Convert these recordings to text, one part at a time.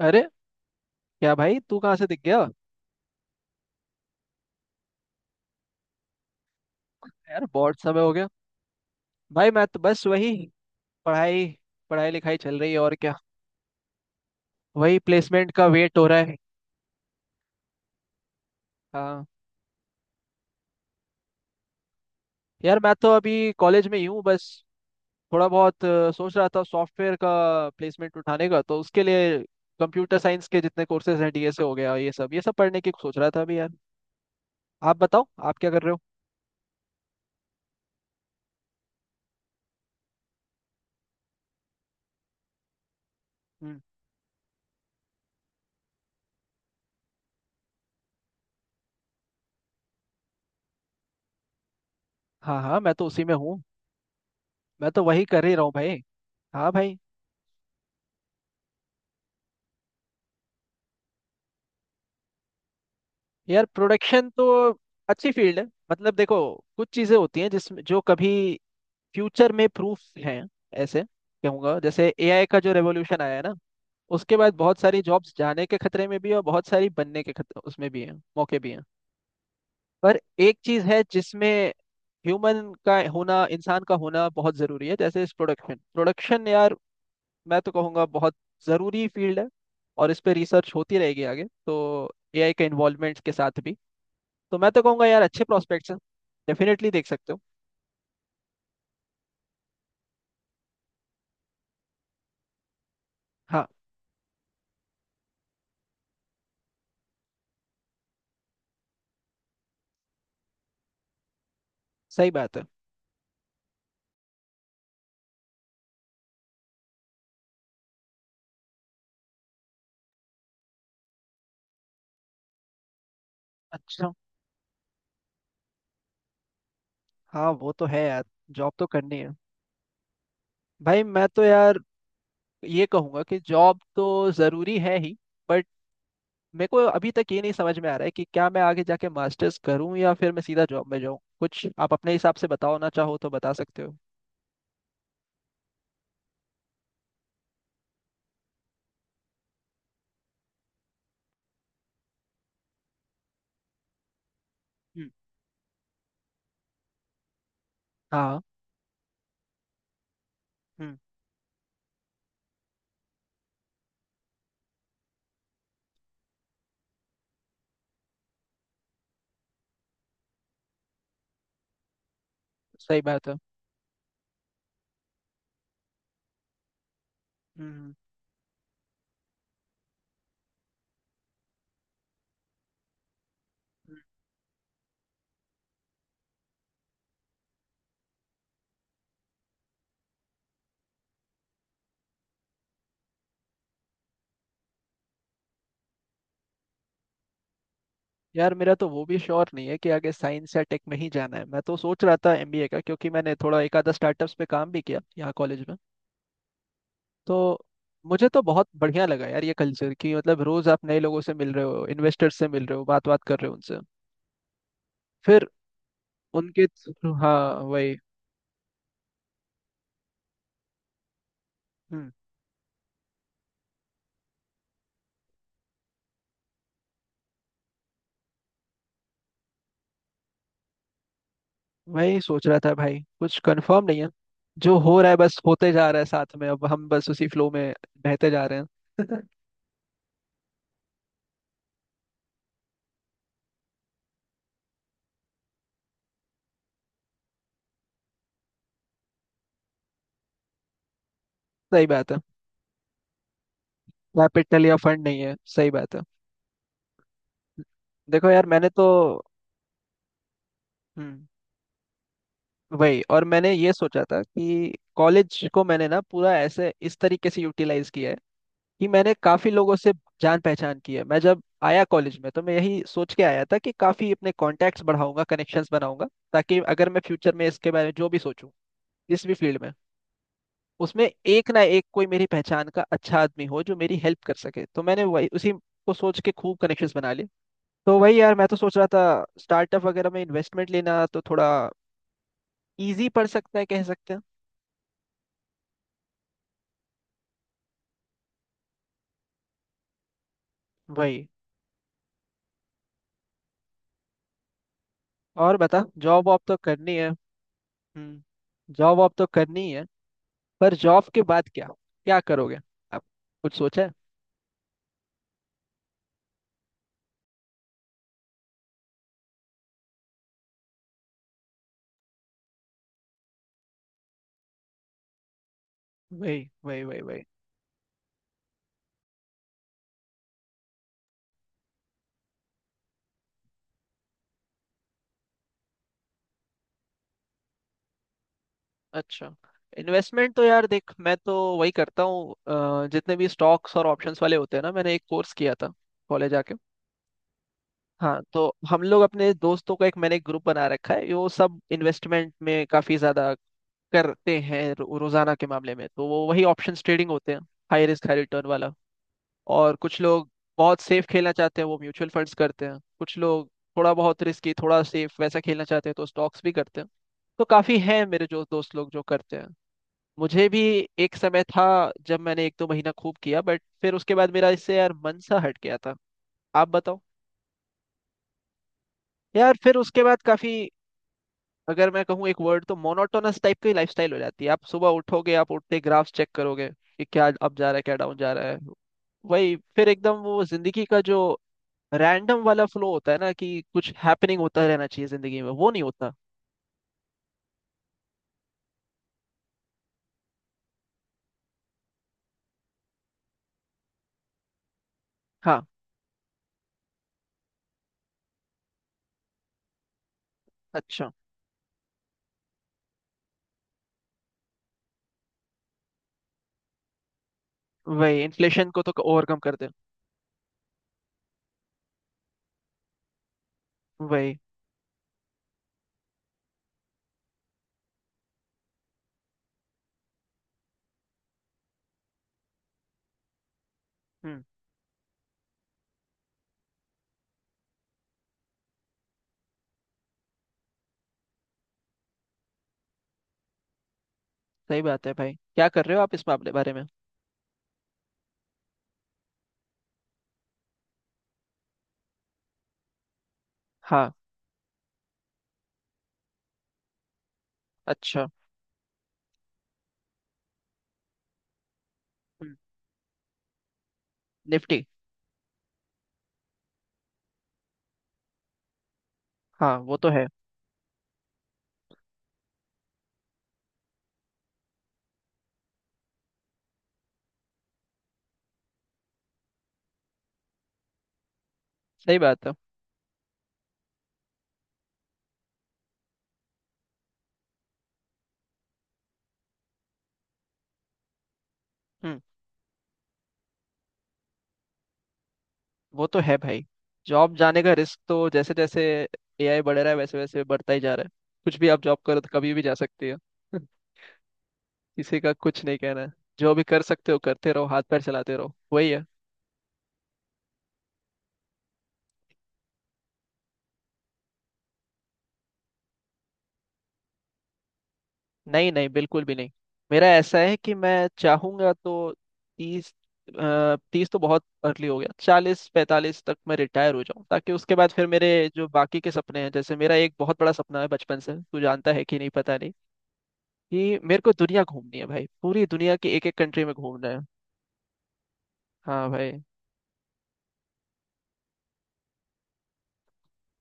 अरे, क्या भाई तू कहाँ से दिख गया। यार बहुत समय हो गया। भाई मैं तो बस वही पढ़ाई पढ़ाई लिखाई चल रही है, और क्या। वही प्लेसमेंट का वेट हो रहा है। हाँ। यार मैं तो अभी कॉलेज में ही हूँ बस। थोड़ा बहुत सोच रहा था सॉफ्टवेयर का प्लेसमेंट उठाने का, तो उसके लिए कंप्यूटर साइंस के जितने कोर्सेज हैं, डीएसए हो गया, ये सब पढ़ने की सोच रहा था अभी यार। आप बताओ, आप क्या कर रहे हो। हम्म। हाँ हाँ, मैं तो उसी में हूँ। मैं तो वही कर ही रहा हूँ भाई। हाँ भाई। यार प्रोडक्शन तो अच्छी फील्ड है। मतलब देखो, कुछ चीजें होती हैं जिसमें जो कभी फ्यूचर में प्रूफ हैं, ऐसे कहूंगा। जैसे एआई का जो रेवोल्यूशन आया है ना, उसके बाद बहुत सारी जॉब्स जाने के खतरे में भी है, और बहुत सारी बनने के खतरे उसमें भी है, मौके भी हैं। पर एक चीज है जिसमें ह्यूमन का होना, इंसान का होना बहुत जरूरी है। जैसे इस प्रोडक्शन प्रोडक्शन यार, मैं तो कहूँगा बहुत जरूरी फील्ड है। और इस पे रिसर्च होती रहेगी आगे, तो एआई के इन्वॉल्वमेंट के साथ भी। तो मैं तो कहूंगा यार, अच्छे प्रोस्पेक्ट्स हैं, डेफिनेटली देख सकते हो। हाँ। सही बात है। अच्छा। हाँ, वो तो है यार। जॉब तो करनी है। भाई मैं तो यार ये कहूंगा कि जॉब तो ज़रूरी है ही। बट मेरे को अभी तक ये नहीं समझ में आ रहा है कि क्या मैं आगे जाके मास्टर्स करूँ या फिर मैं सीधा जॉब में जाऊँ। कुछ आप अपने हिसाब से बताओ ना, चाहो तो बता सकते हो। हम्म। हाँ। हम्म। सही बात है। हम्म। यार मेरा तो वो भी श्योर नहीं है कि आगे साइंस या टेक में ही जाना है। मैं तो सोच रहा था एमबीए का, क्योंकि मैंने थोड़ा एक आधा स्टार्टअप्स पे काम भी किया यहाँ कॉलेज में, तो मुझे तो बहुत बढ़िया लगा यार ये कल्चर। कि मतलब रोज आप नए लोगों से मिल रहे हो, इन्वेस्टर्स से मिल रहे हो, बात बात कर रहे हो उनसे, फिर हाँ, वही। हम्म। वही सोच रहा था भाई, कुछ कंफर्म नहीं है। जो हो रहा है बस होते जा रहा है, साथ में अब हम बस उसी फ्लो में बहते जा रहे हैं। सही बात है। कैपिटल या फंड नहीं है, सही बात है। देखो यार मैंने तो। हम्म। वही, और मैंने ये सोचा था कि कॉलेज को मैंने ना पूरा ऐसे इस तरीके से यूटिलाइज किया है कि मैंने काफी लोगों से जान पहचान की है। मैं जब आया कॉलेज में तो मैं यही सोच के आया था कि काफी अपने कॉन्टैक्ट्स बढ़ाऊंगा, कनेक्शंस बनाऊंगा। ताकि अगर मैं फ्यूचर में इसके बारे में जो भी सोचूं, जिस भी फील्ड में, उसमें एक ना एक कोई मेरी पहचान का अच्छा आदमी हो जो मेरी हेल्प कर सके। तो मैंने वही उसी को सोच के खूब कनेक्शंस बना लिए। तो वही यार, मैं तो सोच रहा था स्टार्टअप वगैरह में इन्वेस्टमेंट लेना तो थोड़ा इजी पड़ सकता है, कह सकते हैं। वही। और बता, जॉब वॉब तो करनी है। हम्म। जॉब वॉब तो करनी है। पर जॉब के बाद क्या, क्या करोगे आप, कुछ सोचा है। वही वही वही वही। अच्छा। इन्वेस्टमेंट तो यार देख, मैं तो वही करता हूँ। जितने भी स्टॉक्स और ऑप्शंस वाले होते हैं ना, मैंने एक कोर्स किया था कॉलेज आके। हाँ। तो हम लोग अपने दोस्तों का एक, मैंने एक ग्रुप बना रखा है, वो सब इन्वेस्टमेंट में काफी ज्यादा करते हैं। रोजाना के मामले में तो वो वही ऑप्शंस ट्रेडिंग होते हैं, हाई रिस्क हाई रिटर्न वाला। और कुछ लोग बहुत सेफ खेलना चाहते हैं, वो म्यूचुअल फंड्स करते हैं। कुछ लोग थोड़ा बहुत रिस्की थोड़ा सेफ वैसा खेलना चाहते हैं तो स्टॉक्स भी करते हैं। तो काफ़ी हैं मेरे जो दोस्त लोग जो करते हैं। मुझे भी एक समय था जब मैंने एक दो महीना खूब किया, बट फिर उसके बाद मेरा इससे यार मन सा हट गया था। आप बताओ। यार फिर उसके बाद काफ़ी, अगर मैं कहूँ एक वर्ड, तो मोनोटोनस टाइप की लाइफस्टाइल हो जाती है। आप सुबह उठोगे, आप उठते ग्राफ्स चेक करोगे कि क्या अप जा रहा है क्या डाउन जा रहा है। वही फिर एकदम वो जिंदगी का जो रैंडम वाला फ्लो होता है ना, कि कुछ हैपनिंग होता रहना चाहिए जिंदगी में, वो नहीं होता। हाँ। अच्छा। वही इन्फ्लेशन को तो ओवरकम कर दे। वही। हम्म। सही बात है भाई, क्या कर रहे हो आप इस मामले बारे में। हाँ। अच्छा। हम्म, निफ्टी। हाँ वो तो है। सही बात है। हम्म। वो तो है भाई। जॉब जाने का रिस्क तो जैसे जैसे एआई बढ़ रहा है वैसे वैसे बढ़ता ही जा रहा है। कुछ भी आप जॉब करो तो कभी भी जा सकती है। किसी का कुछ नहीं कहना है। जो भी कर सकते हो करते रहो, हाथ पैर चलाते रहो, वही है। नहीं नहीं, बिल्कुल भी नहीं। मेरा ऐसा है कि मैं चाहूंगा तो 30, 30 तो बहुत अर्ली हो गया, 40 45 तक मैं रिटायर हो जाऊं, ताकि उसके बाद फिर मेरे जो बाकी के सपने हैं। जैसे मेरा एक बहुत बड़ा सपना है बचपन से, तू जानता है कि नहीं पता नहीं, कि मेरे को दुनिया घूमनी है भाई। पूरी दुनिया की एक एक कंट्री में घूमना है। हाँ भाई।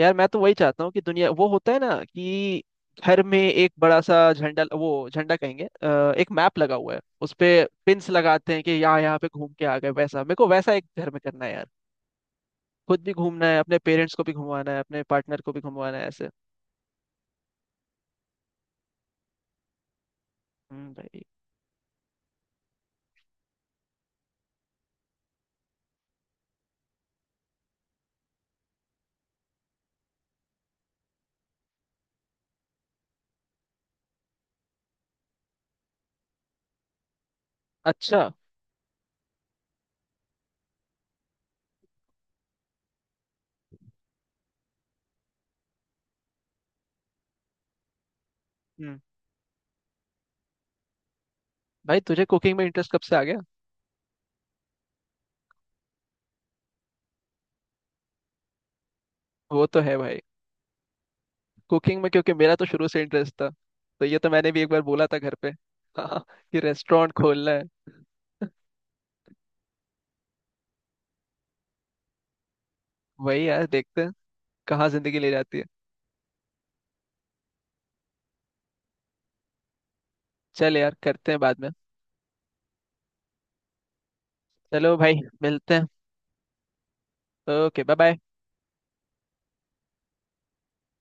यार मैं तो वही चाहता हूँ कि दुनिया, वो होता है ना कि घर में एक बड़ा सा झंडा, वो झंडा कहेंगे, एक मैप लगा हुआ है, उस पे पिंस लगाते हैं कि यहाँ यहाँ पे घूम के आ गए, वैसा मेरे को वैसा एक घर में करना है यार। खुद भी घूमना है, अपने पेरेंट्स को भी घुमाना है, अपने पार्टनर को भी घुमाना है, ऐसे। भाई। अच्छा। हम्म। भाई तुझे कुकिंग में इंटरेस्ट कब से आ गया। वो तो है भाई। कुकिंग में क्योंकि मेरा तो शुरू से इंटरेस्ट था, तो ये तो मैंने भी एक बार बोला था घर पे, हाँ। कि रेस्टोरेंट खोलना है। वही यार देखते हैं कहाँ जिंदगी ले जाती है। चल यार करते हैं बाद में। चलो भाई। मिलते हैं। Okay, bye bye.